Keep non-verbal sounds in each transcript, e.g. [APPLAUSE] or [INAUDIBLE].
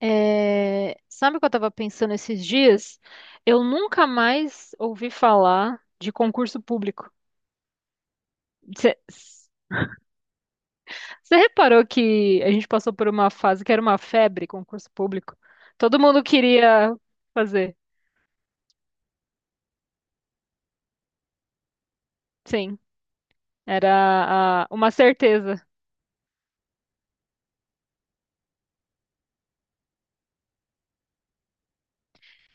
É, sabe o que eu estava pensando esses dias? Eu nunca mais ouvi falar de concurso público. Você reparou que a gente passou por uma fase que era uma febre, concurso público? Todo mundo queria fazer. Sim, era uma certeza.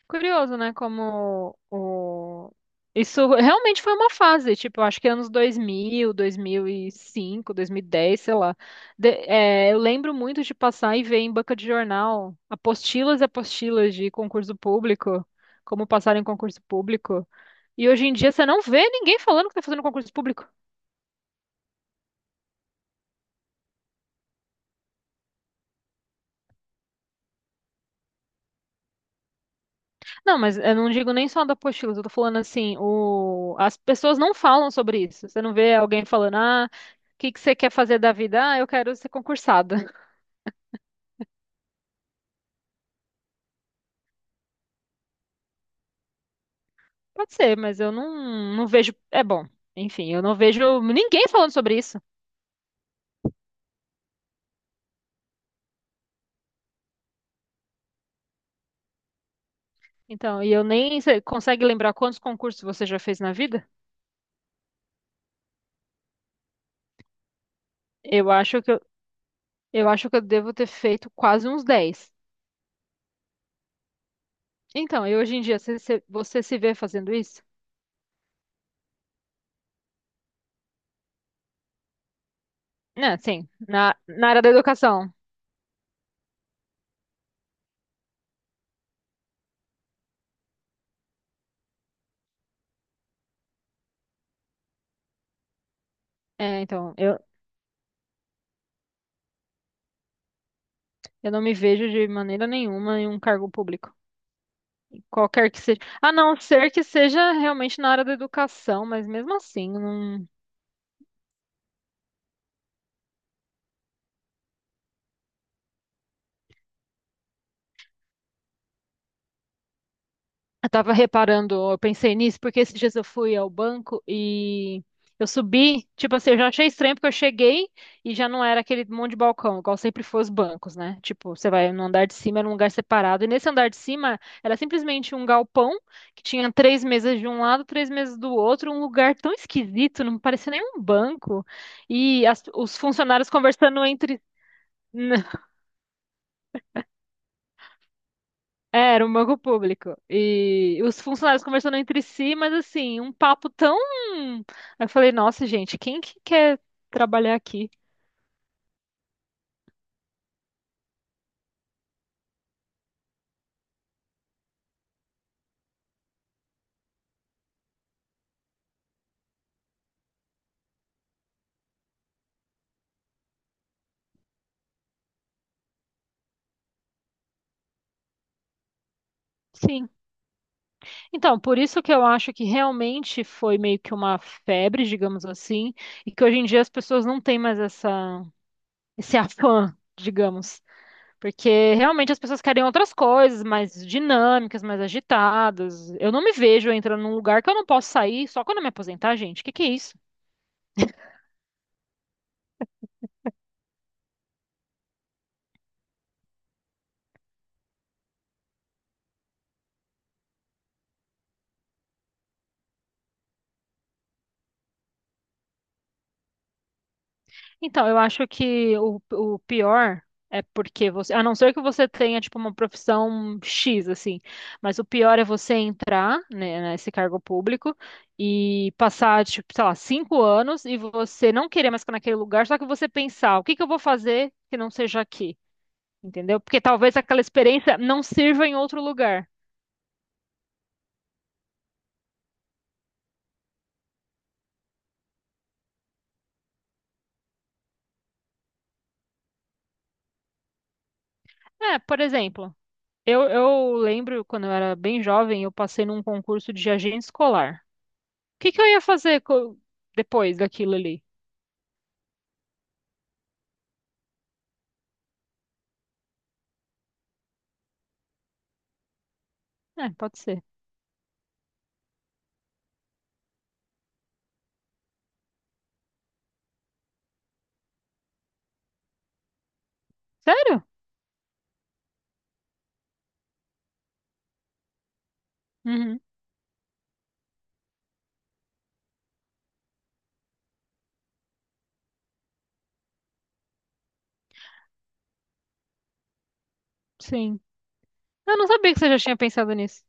Curioso, né? Como isso realmente foi uma fase, tipo, eu acho que anos dois mil, mil e cinco, 2010, sei lá. É, eu lembro muito de passar e ver em banca de jornal apostilas e apostilas de concurso público, como passar em concurso público. E hoje em dia você não vê ninguém falando que tá fazendo concurso público. Não, mas eu não digo nem só da apostila, eu tô falando assim, as pessoas não falam sobre isso. Você não vê alguém falando, ah, o que que você quer fazer da vida? Ah, eu quero ser concursada. [LAUGHS] Pode ser, mas eu não vejo. É bom, enfim, eu não vejo ninguém falando sobre isso. Então, e eu nem. Você consegue lembrar quantos concursos você já fez na vida? Eu acho que eu, eu acho que eu devo ter feito quase uns 10. Então, e hoje em dia, você se vê fazendo isso? Né, sim, na área da educação. É, então, eu não me vejo de maneira nenhuma em um cargo público, qualquer que seja. A não ser que seja realmente na área da educação, mas mesmo assim, não. Eu tava reparando, eu pensei nisso, porque esses dias eu fui ao banco e eu subi, tipo assim, eu já achei estranho porque eu cheguei e já não era aquele monte de balcão, igual sempre foi os bancos, né? Tipo, você vai no andar de cima, era um lugar separado. E nesse andar de cima era simplesmente um galpão que tinha três mesas de um lado, três mesas do outro, um lugar tão esquisito, não parecia nem um banco. E os funcionários conversando entre. [LAUGHS] É, era um banco público. E os funcionários conversando entre si, mas assim, um papo tão. Aí eu falei, nossa, gente, quem que quer trabalhar aqui? Sim. Então, por isso que eu acho que realmente foi meio que uma febre, digamos assim, e que hoje em dia as pessoas não têm mais essa, esse afã, digamos. Porque realmente as pessoas querem outras coisas, mais dinâmicas, mais agitadas. Eu não me vejo entrando num lugar que eu não posso sair só quando eu me aposentar, gente. O que que é isso? Então, eu acho que o pior é porque você, a não ser que você tenha tipo uma profissão X assim, mas o pior é você entrar, né, nesse cargo público e passar tipo, sei lá, 5 anos e você não querer mais ficar naquele lugar, só que você pensar, o que que eu vou fazer que não seja aqui, entendeu? Porque talvez aquela experiência não sirva em outro lugar. É, por exemplo, eu lembro quando eu era bem jovem, eu passei num concurso de agente escolar. Que eu ia fazer depois daquilo ali? É, pode ser. Sério? Uhum, sim. Eu não sabia que você já tinha pensado nisso.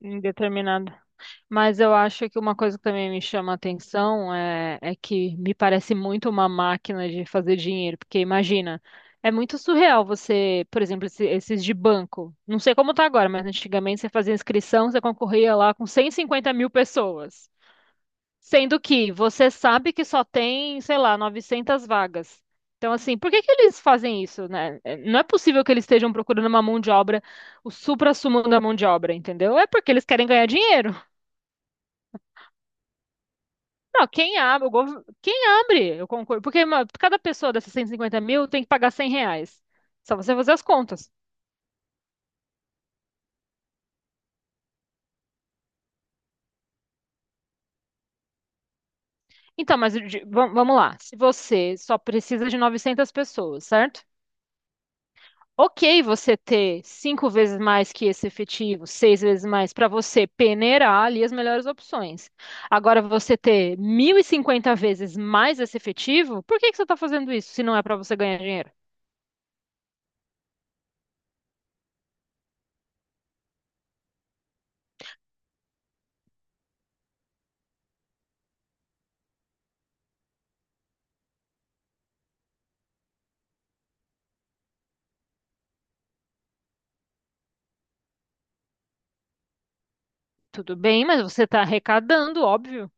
Em determinado. Mas eu acho que uma coisa que também me chama a atenção é que me parece muito uma máquina de fazer dinheiro. Porque imagina, é muito surreal você, por exemplo, esses de banco. Não sei como tá agora, mas antigamente você fazia inscrição, você concorria lá com 150.000 pessoas. Sendo que você sabe que só tem, sei lá, 900 vagas. Então, assim, por que que eles fazem isso, né? É, não é possível que eles estejam procurando uma mão de obra, o suprassumo da mão de obra, entendeu? É porque eles querem ganhar dinheiro. Não, quem abre, quem abre, eu concordo. Porque cada pessoa dessas 150 mil tem que pagar R$ 100. Só você fazer as contas. Então, mas vamos lá. Se você só precisa de 900 pessoas, certo? Ok você ter cinco vezes mais que esse efetivo, seis vezes mais, para você peneirar ali as melhores opções. Agora, você ter 1.050 vezes mais esse efetivo, por que que você está fazendo isso se não é para você ganhar dinheiro? Tudo bem, mas você está arrecadando, óbvio.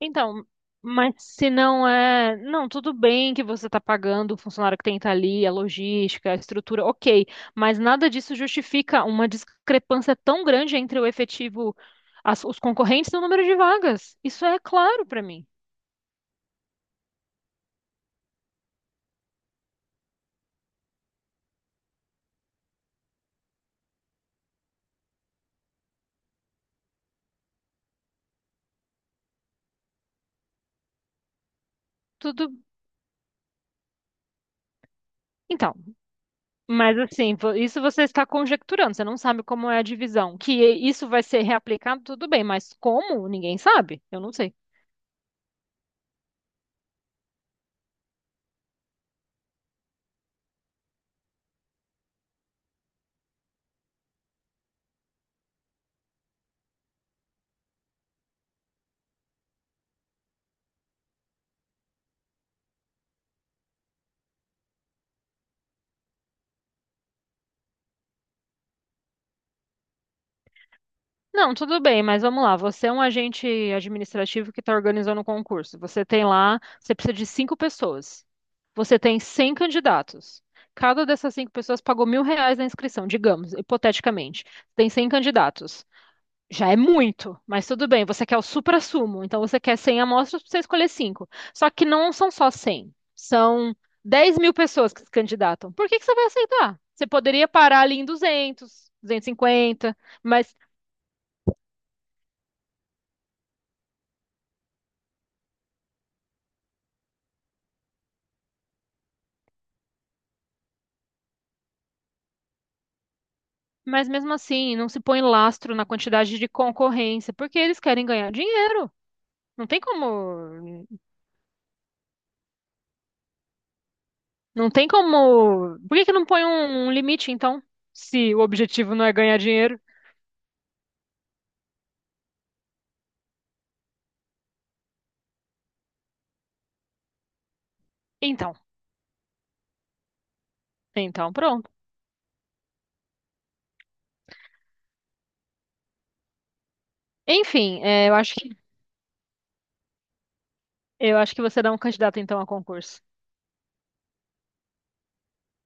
Então, mas se não é. Não, tudo bem que você está pagando o funcionário que tem que estar ali, a logística, a estrutura, ok. Mas nada disso justifica uma discrepância tão grande entre o efetivo, os concorrentes e o número de vagas. Isso é claro para mim. Tudo. Então, mas assim, isso você está conjecturando, você não sabe como é a divisão. Que isso vai ser reaplicado, tudo bem, mas como? Ninguém sabe. Eu não sei. Não, tudo bem, mas vamos lá. Você é um agente administrativo que está organizando um concurso. Você tem lá, você precisa de cinco pessoas. Você tem 100 candidatos. Cada dessas cinco pessoas pagou R$ 1.000 na inscrição, digamos, hipoteticamente. Tem 100 candidatos. Já é muito, mas tudo bem. Você quer o supra-sumo, então você quer 100 amostras para você escolher cinco. Só que não são só 100. São 10.000 pessoas que se candidatam. Por que que você vai aceitar? Você poderia parar ali em 200, 250, Mas Mas mesmo assim, não se põe lastro na quantidade de concorrência, porque eles querem ganhar dinheiro. Não tem como, não tem como. Por que que não põe um limite, então? Se o objetivo não é ganhar dinheiro? Então, então pronto. Enfim, é, eu acho que você dá um candidato então a concurso.